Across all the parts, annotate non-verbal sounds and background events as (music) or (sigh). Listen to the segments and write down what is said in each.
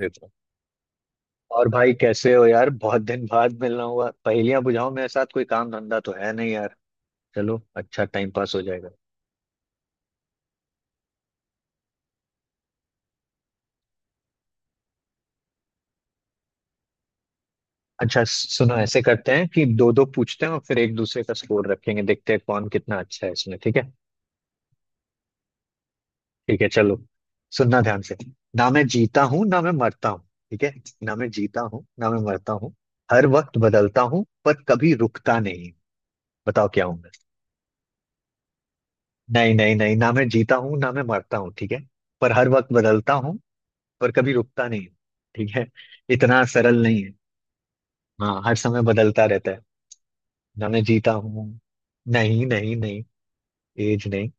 ये तो और भाई, कैसे हो यार? बहुत दिन बाद मिलना हुआ। पहेलियां बुझाओ मेरे साथ। कोई काम धंधा तो है नहीं यार। चलो, अच्छा टाइम पास हो जाएगा। अच्छा सुनो, ऐसे करते हैं कि दो दो पूछते हैं और फिर एक दूसरे का स्कोर रखेंगे। देखते हैं कौन कितना अच्छा है इसमें, ठीक है? ठीक है चलो। सुनना ध्यान से। ना मैं जीता हूँ ना मैं मरता हूँ, ठीक है? ना मैं जीता हूँ ना मैं मरता हूँ। हर वक्त बदलता हूँ पर कभी रुकता नहीं। बताओ क्या हूँ मैं? नहीं नहीं नहीं, ना मैं जीता हूँ ना मैं मरता हूँ, ठीक है? पर हर वक्त बदलता हूँ, पर कभी रुकता नहीं। ठीक है। इतना सरल नहीं है। हाँ, हर समय बदलता रहता है। ना मैं जीता हूँ। नहीं नहीं नहीं, एज नहीं।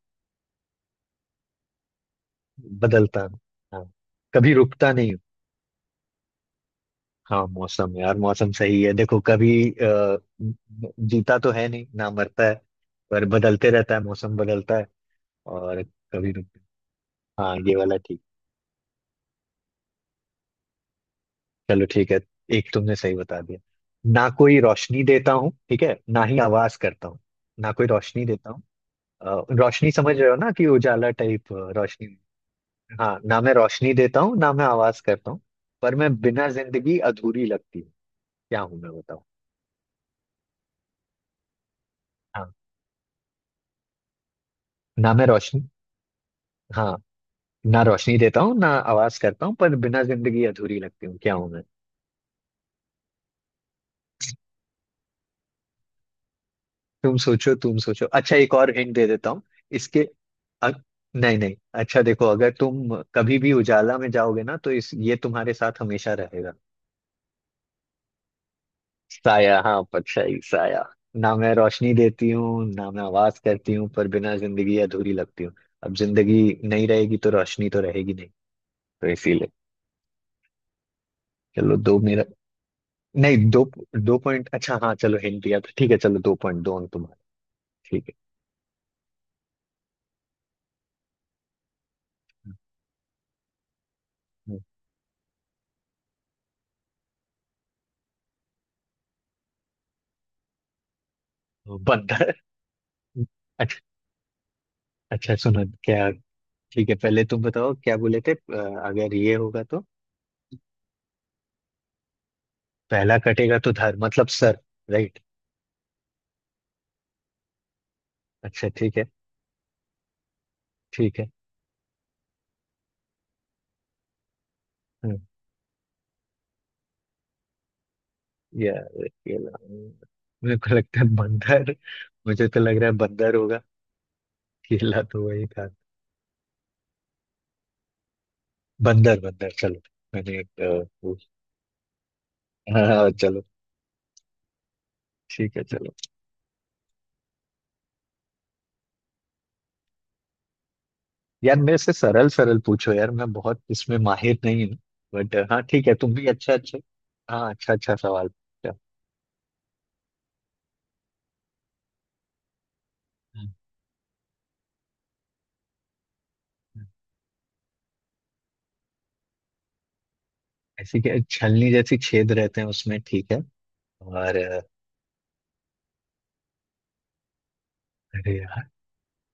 बदलता हूँ। हाँ, कभी रुकता नहीं हूँ। हाँ मौसम यार, मौसम सही है। देखो, कभी जीता तो है नहीं ना मरता है, पर बदलते रहता है। मौसम बदलता है और कभी रुकता है। हाँ ये वाला ठीक। चलो ठीक है। एक तुमने सही बता दिया। ना कोई रोशनी देता हूँ, ठीक है? ना ही आवाज करता हूँ। ना कोई रोशनी देता हूँ। रोशनी समझ रहे हो ना, कि उजाला टाइप रोशनी। हाँ, ना मैं रोशनी देता हूँ ना मैं आवाज करता हूँ। पर मैं बिना जिंदगी अधूरी लगती हूँ। क्या हूँ मैं बताऊँ? हाँ, ना मैं रोशनी। हाँ, ना रोशनी देता हूँ ना आवाज करता हूँ, पर बिना जिंदगी अधूरी लगती हूँ। क्या हूँ मैं? तुम सोचो, तुम सोचो। अच्छा, एक और हिंट दे देता हूँ। इसके अ, नहीं नहीं, अच्छा देखो, अगर तुम कभी भी उजाला में जाओगे ना, तो इस ये तुम्हारे साथ हमेशा रहेगा। साया, हाँ परछाई, साया। ना मैं रोशनी देती हूँ ना मैं आवाज करती हूँ, पर बिना जिंदगी अधूरी लगती हूँ। अब जिंदगी नहीं रहेगी तो रोशनी तो रहेगी नहीं, तो इसीलिए। चलो दो मेरा। नहीं दो। दो पॉइंट अच्छा, हाँ चलो, हिंट दिया था। ठीक है चलो, दो पॉइंट दो अंक तुम्हारे। ठीक है, तो बंदर। (laughs) अच्छा अच्छा, सुनो क्या। ठीक है, पहले तुम बताओ क्या बोले थे। अगर ये होगा तो पहला कटेगा तो धर, मतलब सर। राइट। अच्छा ठीक है। ठीक है यार, केला। मेरे को लगता है बंदर। मुझे तो लग रहा है बंदर होगा। केला तो वही था। बंदर बंदर चलो। मैंने एक पूछ। हाँ हाँ, चलो। ठीक है चलो यार, मेरे से सरल सरल पूछो यार, मैं बहुत इसमें माहिर नहीं हूँ। बट हाँ ठीक है, तुम भी अच्छा अच्छा। हाँ, अच्छा अच्छा सवाल पूछा। हम्म। ऐसी क्या छलनी जैसी छेद रहते हैं उसमें, ठीक है? और अरे यार,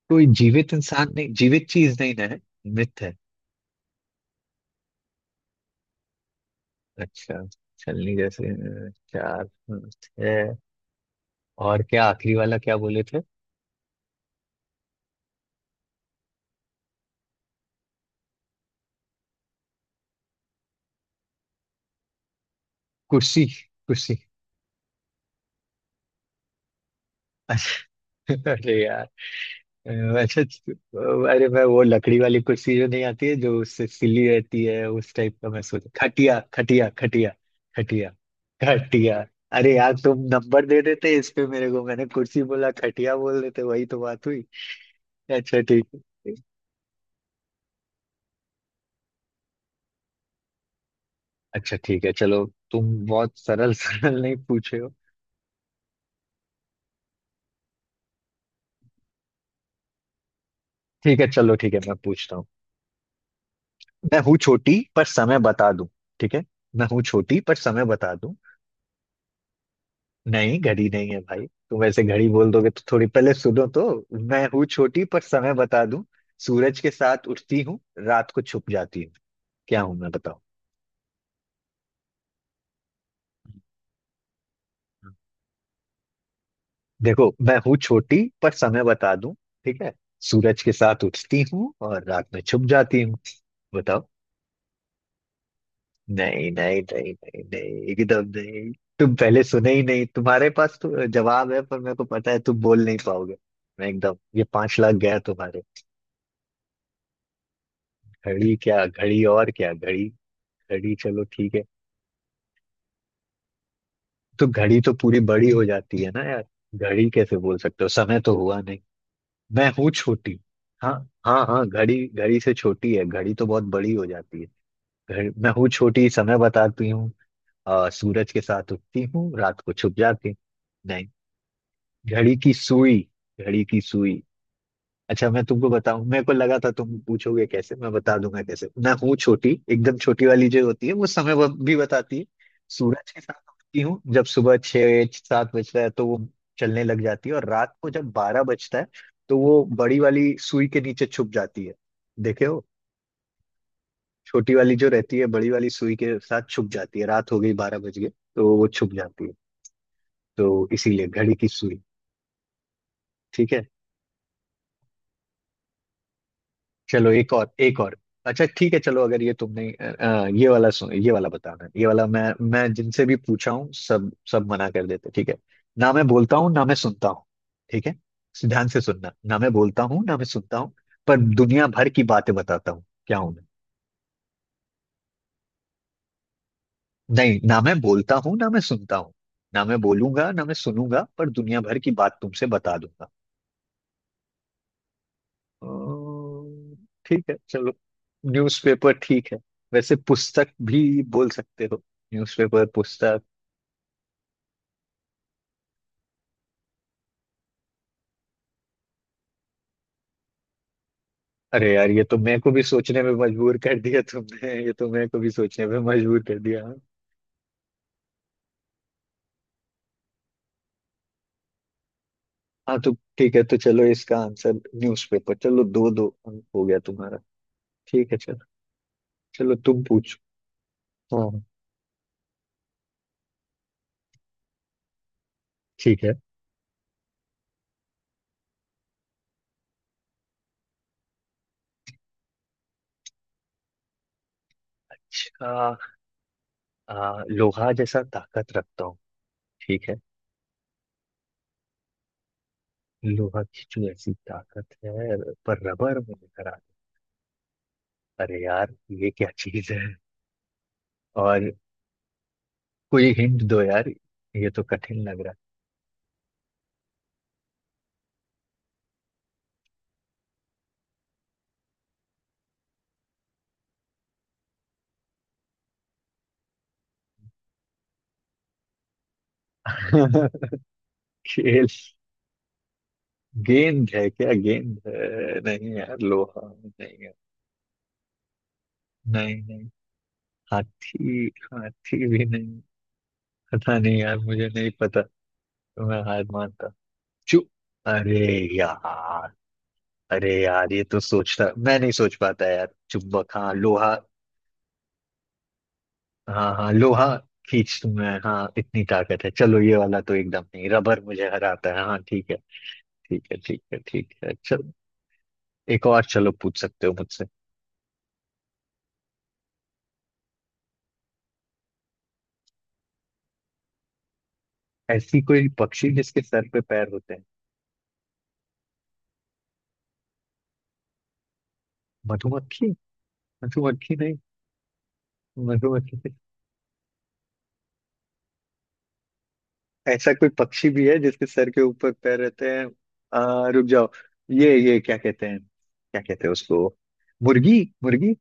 कोई जीवित इंसान नहीं, जीवित चीज नहीं ना है। मृत है। अच्छा, छलनी जैसे चार है। और क्या आखिरी वाला क्या बोले थे? कुर्सी। कुर्सी। (laughs) अरे यार, अच्छा अरे मैं वो लकड़ी वाली कुर्सी जो नहीं आती है, जो उससे सिली रहती है, उस टाइप का मैं सोच। खटिया खटिया खटिया। खटिया। खटिया। अरे यार, तुम नंबर दे देते इस पे मेरे को, मैंने कुर्सी बोला, खटिया बोल देते, वही तो बात हुई। अच्छा ठीक है। अच्छा ठीक है चलो, तुम बहुत सरल (laughs) सरल नहीं पूछे हो। ठीक है चलो, ठीक है मैं पूछता हूँ। मैं हूँ छोटी पर समय बता दूं, ठीक है? मैं हूँ छोटी पर समय बता दूं। नहीं घड़ी नहीं है भाई, तुम ऐसे घड़ी बोल दोगे तो, थोड़ी पहले सुनो तो। मैं हूँ छोटी पर समय बता दूं। सूरज के साथ उठती हूँ, रात को छुप जाती हूँ। क्या हूं मैं बताओ? देखो मैं हूँ छोटी पर समय बता दूं, ठीक है? सूरज के साथ उठती हूँ और रात में छुप जाती हूँ। बताओ। नहीं नहीं नहीं नहीं नहीं, एकदम नहीं। तुम पहले सुने ही नहीं। तुम्हारे पास तो जवाब है, पर मेरे को पता है तुम बोल नहीं पाओगे। मैं एकदम ये पांच लाख गया तुम्हारे। घड़ी क्या घड़ी, और क्या घड़ी? घड़ी चलो ठीक है। तो घड़ी तो पूरी बड़ी हो जाती है ना यार। घड़ी कैसे बोल सकते हो, समय तो हुआ नहीं। मैं हूँ छोटी। हाँ हाँ हाँ, घड़ी घड़ी से छोटी है, घड़ी तो बहुत बड़ी हो जाती है। घड़ी मैं हूँ छोटी, समय बताती हूँ। सूरज के साथ उठती हूँ, रात को छुप जाती हूँ। नहीं। घड़ी की सुई। घड़ी की सुई। अच्छा मैं तुमको बताऊं, मेरे को लगा था तुम पूछोगे कैसे, मैं बता दूंगा कैसे। मैं हूँ छोटी, एकदम छोटी वाली जो होती है वो, समय वो भी बताती है। सूरज के साथ उठती हूँ, जब सुबह 6 7 बजता है तो वो चलने लग जाती है, और रात को जब 12 बजता है तो वो बड़ी वाली सुई के नीचे छुप जाती है। देखे हो? छोटी वाली जो रहती है, बड़ी वाली सुई के साथ छुप जाती है, रात हो गई, 12 बज गए, तो वो छुप जाती है। तो इसीलिए घड़ी की सुई। ठीक है चलो, एक और एक और। अच्छा ठीक है चलो, अगर ये तुमने ये वाला सुन, ये वाला बताना, ये वाला मैं। मैं जिनसे भी पूछा हूँ सब सब मना कर देते, ठीक है? ना मैं बोलता हूँ ना मैं सुनता हूँ, ठीक है? ध्यान से सुनना। ना मैं बोलता हूँ ना मैं सुनता हूँ, पर दुनिया भर की बातें बताता हूँ, क्या हूँ मैं? नहीं, ना मैं बोलता हूँ ना मैं सुनता हूँ। ना मैं बोलूंगा ना मैं सुनूंगा, पर दुनिया भर की बात तुमसे बता दूंगा। अम्म, ठीक है चलो, न्यूज़पेपर ठीक है। वैसे पुस्तक भी बोल सकते हो, न्यूज़पेपर पुस्तक। अरे यार, ये तो मैं को भी सोचने में मजबूर कर दिया तुमने, ये तो मैं को भी सोचने में मजबूर कर दिया। हाँ हाँ, तो ठीक है तो, चलो इसका आंसर न्यूज़पेपर। चलो दो दो अंक हो गया तुम्हारा। ठीक है चलो, चलो तुम पूछो। हाँ। ठीक है। अच्छा, लोहा जैसा ताकत रखता हूँ, ठीक है? लोहा की जो ऐसी ताकत है, पर रबर में निकल। अरे यार, ये क्या चीज है? और कोई हिंट दो यार, ये तो कठिन लग रहा है। (laughs) खेल। गेंद है? क्या गेंद है? नहीं यार, लोहा नहीं है। नहीं नहीं। हाथी। हाथी भी नहीं। पता नहीं यार, मुझे नहीं पता। तो मैं हार मानता। चू अरे यार। अरे यार, ये तो सोचता मैं नहीं सोच पाता यार। चुंबक, हाँ लोहा। हाँ हाँ लोहा खींच तुम्हें, हाँ इतनी ताकत है। चलो ये वाला तो एकदम नहीं। रबर मुझे हराता है, हाँ ठीक है। ठीक है ठीक है ठीक है चलो, एक और चलो पूछ सकते हो मुझसे। ऐसी कोई पक्षी जिसके सर पे पैर होते हैं? मधुमक्खी। मधुमक्खी नहीं? मधुमक्खी नहीं। ऐसा कोई पक्षी भी है जिसके सर के ऊपर पैर रहते हैं? रुक जाओ। ये क्या कहते हैं, क्या कहते हैं उसको। मुर्गी मुर्गी।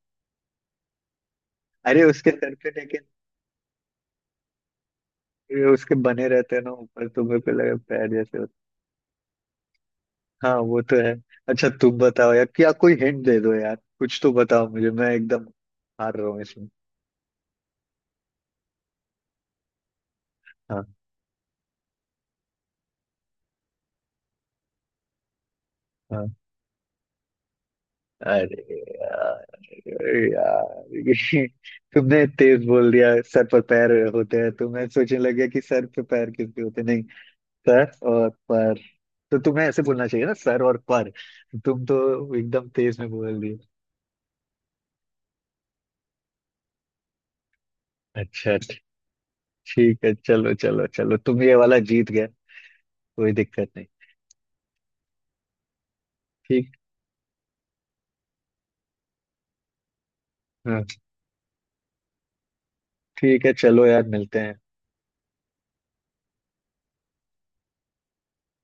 अरे उसके सर पे लेकिन ये उसके बने रहते हैं ना ऊपर, तुम्हें पे लगे पैर जैसे। हाँ वो तो है। अच्छा तुम बताओ यार, क्या कोई हिंट दे दो यार, कुछ तो बताओ मुझे, मैं एकदम हार रहा हूँ इसमें। हाँ। हाँ। अरे यार, अरे यार (laughs) ये तुमने तेज बोल दिया, सर पर पैर होते हैं, तो मैं सोचने लग गया कि सर पे पैर किसके होते हैं। नहीं, सर और पर। तो तुम्हें ऐसे बोलना चाहिए ना, सर और पर। तुम तो एकदम तेज में बोल दिए। अच्छा अच्छा। ठीक है चलो चलो चलो, तुम ये वाला जीत गए। कोई दिक्कत नहीं। ठीक। हाँ ठीक है चलो यार, मिलते हैं।